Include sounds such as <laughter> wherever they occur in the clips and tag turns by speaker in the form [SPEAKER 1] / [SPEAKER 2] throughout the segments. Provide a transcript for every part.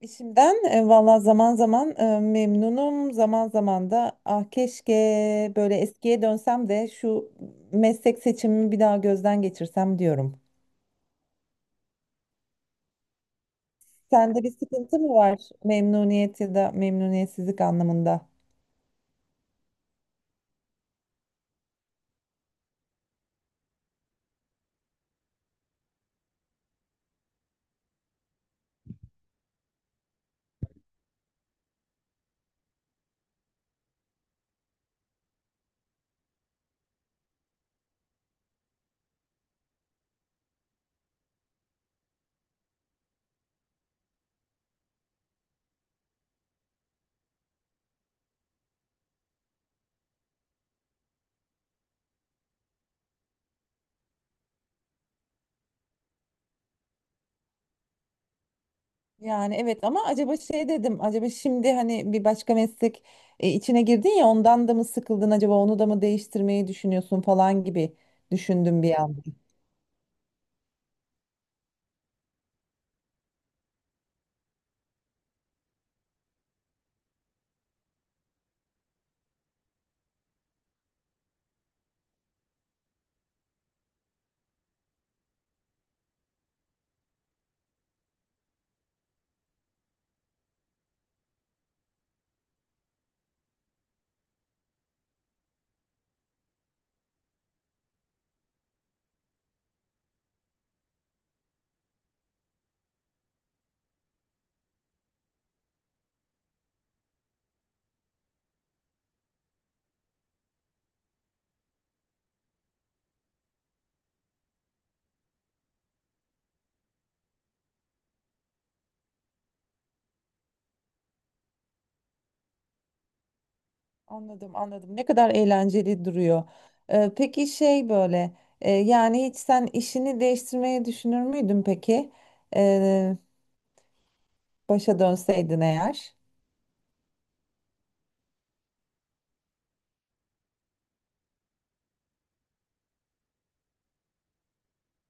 [SPEAKER 1] İşimden valla zaman zaman memnunum. Zaman zaman da ah keşke böyle eskiye dönsem de şu meslek seçimimi bir daha gözden geçirsem diyorum. Sende bir sıkıntı mı var memnuniyet ya da memnuniyetsizlik anlamında? Yani evet ama acaba şey dedim, acaba şimdi hani bir başka meslek içine girdin ya ondan da mı sıkıldın, acaba onu da mı değiştirmeyi düşünüyorsun falan gibi düşündüm bir an. Anladım anladım, ne kadar eğlenceli duruyor. Peki şey böyle yani hiç sen işini değiştirmeyi düşünür müydün peki, Ee, başa dönseydin eğer?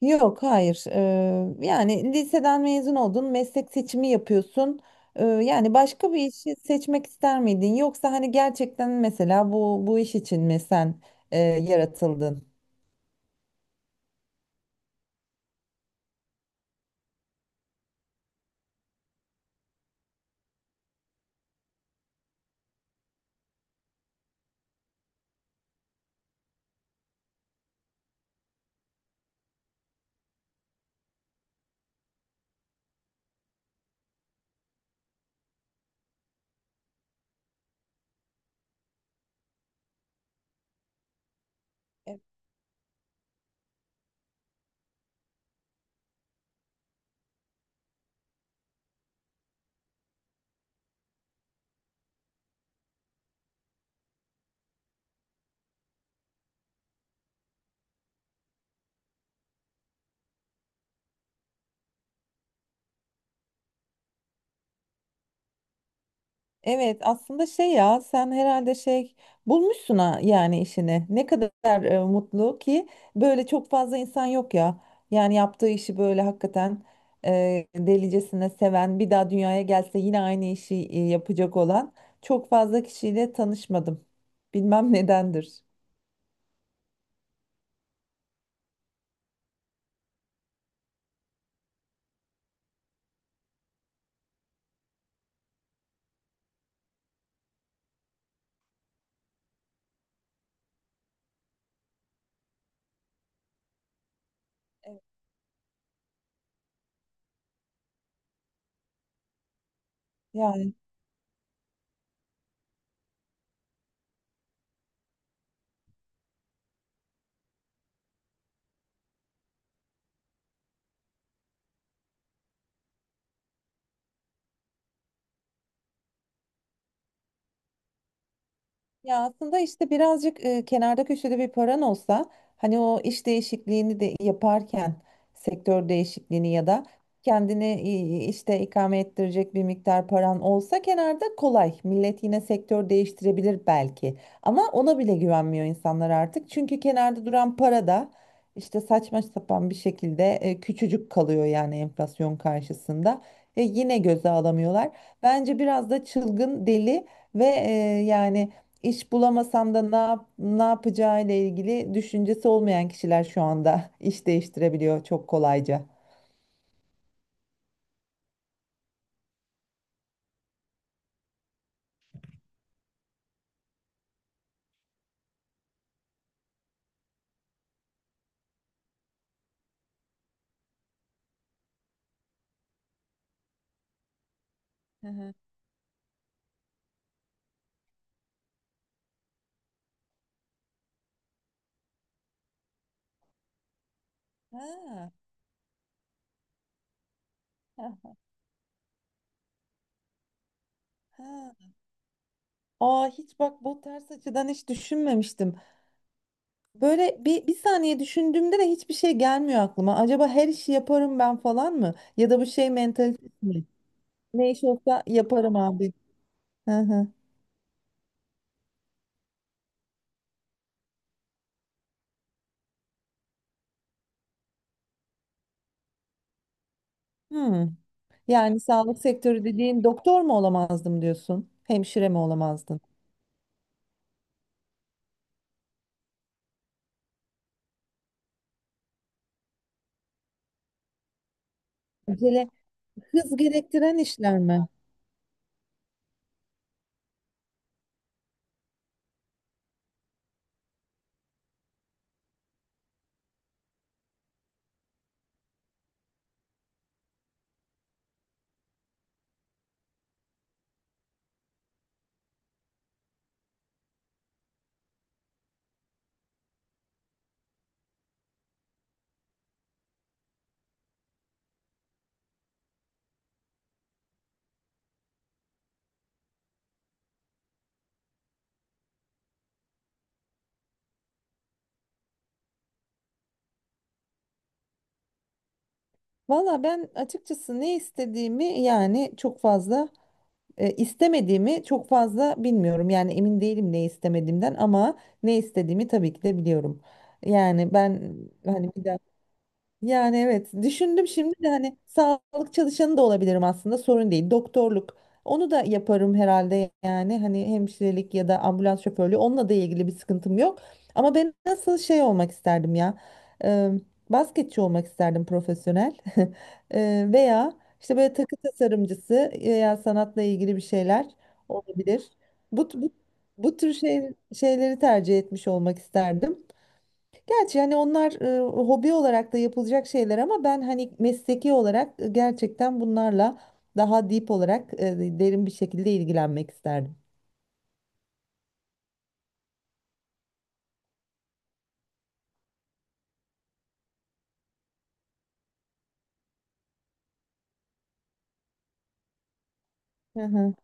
[SPEAKER 1] Yok, hayır. Yani liseden mezun oldun, meslek seçimi yapıyorsun. Yani başka bir işi seçmek ister miydin? Yoksa hani gerçekten mesela bu iş için mi sen yaratıldın? Evet. Evet, aslında şey ya sen herhalde şey bulmuşsun ha yani işini. Ne kadar mutlu ki böyle çok fazla insan yok ya. Yani yaptığı işi böyle hakikaten delicesine seven, bir daha dünyaya gelse yine aynı işi yapacak olan çok fazla kişiyle tanışmadım. Bilmem nedendir. Ya, ya aslında işte birazcık kenarda köşede bir paran olsa, hani o iş değişikliğini de yaparken sektör değişikliğini ya da kendini işte ikame ettirecek bir miktar paran olsa kenarda, kolay. Millet yine sektör değiştirebilir belki, ama ona bile güvenmiyor insanlar artık. Çünkü kenarda duran para da işte saçma sapan bir şekilde küçücük kalıyor yani enflasyon karşısında. Yine göze alamıyorlar. Bence biraz da çılgın, deli ve yani İş bulamasam da ne yap, ne yapacağı ile ilgili düşüncesi olmayan kişiler şu anda <laughs> iş değiştirebiliyor çok kolayca. Ha, ha, ha. Aa hiç bak, bu ters açıdan hiç düşünmemiştim. Böyle bir saniye düşündüğümde de hiçbir şey gelmiyor aklıma. Acaba her işi yaparım ben falan mı? Ya da bu şey mentalitesi mi? Ne iş olsa yaparım abi. Hı hı. Hmm. Yani sağlık sektörü dediğin doktor mu olamazdım diyorsun? Hemşire mi olamazdın? Acele, hız gerektiren işler mi? Valla ben açıkçası ne istediğimi, yani çok fazla istemediğimi çok fazla bilmiyorum. Yani emin değilim ne istemediğimden, ama ne istediğimi tabii ki de biliyorum. Yani ben hani bir, yani evet düşündüm şimdi de, hani sağlık çalışanı da olabilirim aslında, sorun değil. Doktorluk, onu da yaparım herhalde yani, hani hemşirelik ya da ambulans şoförlüğü, onunla da ilgili bir sıkıntım yok. Ama ben nasıl şey olmak isterdim ya, e, basketçi olmak isterdim profesyonel. <laughs> Veya işte böyle takı tasarımcısı veya sanatla ilgili bir şeyler olabilir. Bu, bu, bu tür şeyleri tercih etmiş olmak isterdim. Gerçi hani onlar hobi olarak da yapılacak şeyler, ama ben hani mesleki olarak gerçekten bunlarla daha deep olarak derin bir şekilde ilgilenmek isterdim. Hı hı.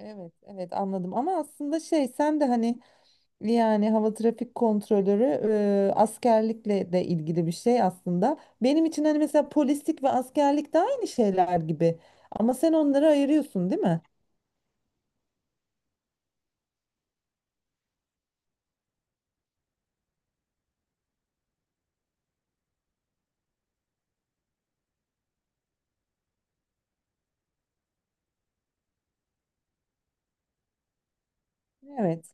[SPEAKER 1] Evet, evet anladım, ama aslında şey sen de hani, yani hava trafik kontrolörü askerlikle de ilgili bir şey aslında. Benim için hani mesela polislik ve askerlik de aynı şeyler gibi. Ama sen onları ayırıyorsun, değil mi? Evet.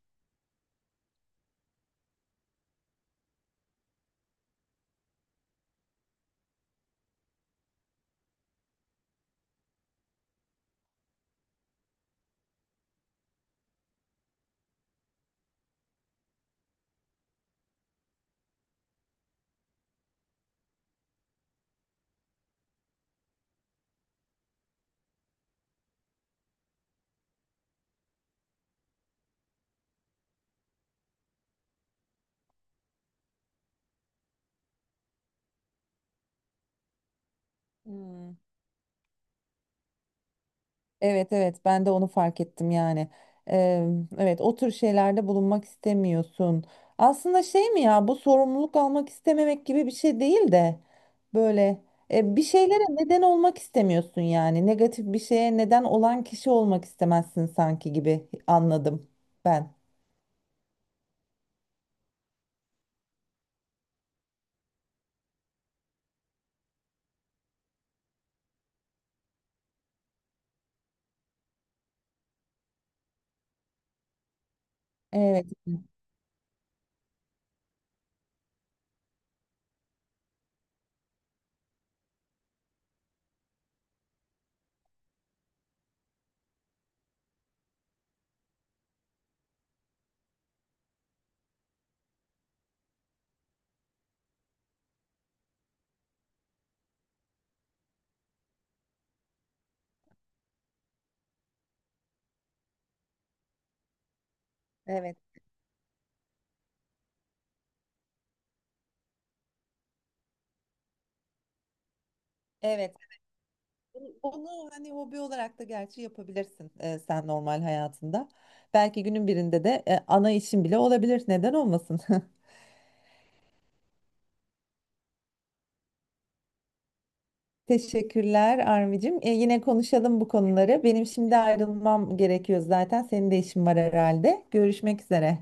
[SPEAKER 1] Hmm. Evet evet, ben de onu fark ettim yani. Eee, evet o tür şeylerde bulunmak istemiyorsun. Aslında şey mi ya, bu sorumluluk almak istememek gibi bir şey değil de böyle bir şeylere neden olmak istemiyorsun yani. Negatif bir şeye neden olan kişi olmak istemezsin sanki gibi anladım ben. Evet. Evet. Evet. Bu- Bunu hani hobi olarak da gerçi yapabilirsin sen normal hayatında. Belki günün birinde de ana işin bile olabilir. Neden olmasın? <laughs> Teşekkürler Armi'cim. Yine konuşalım bu konuları. Benim şimdi ayrılmam gerekiyor zaten. Senin de işin var herhalde. Görüşmek üzere.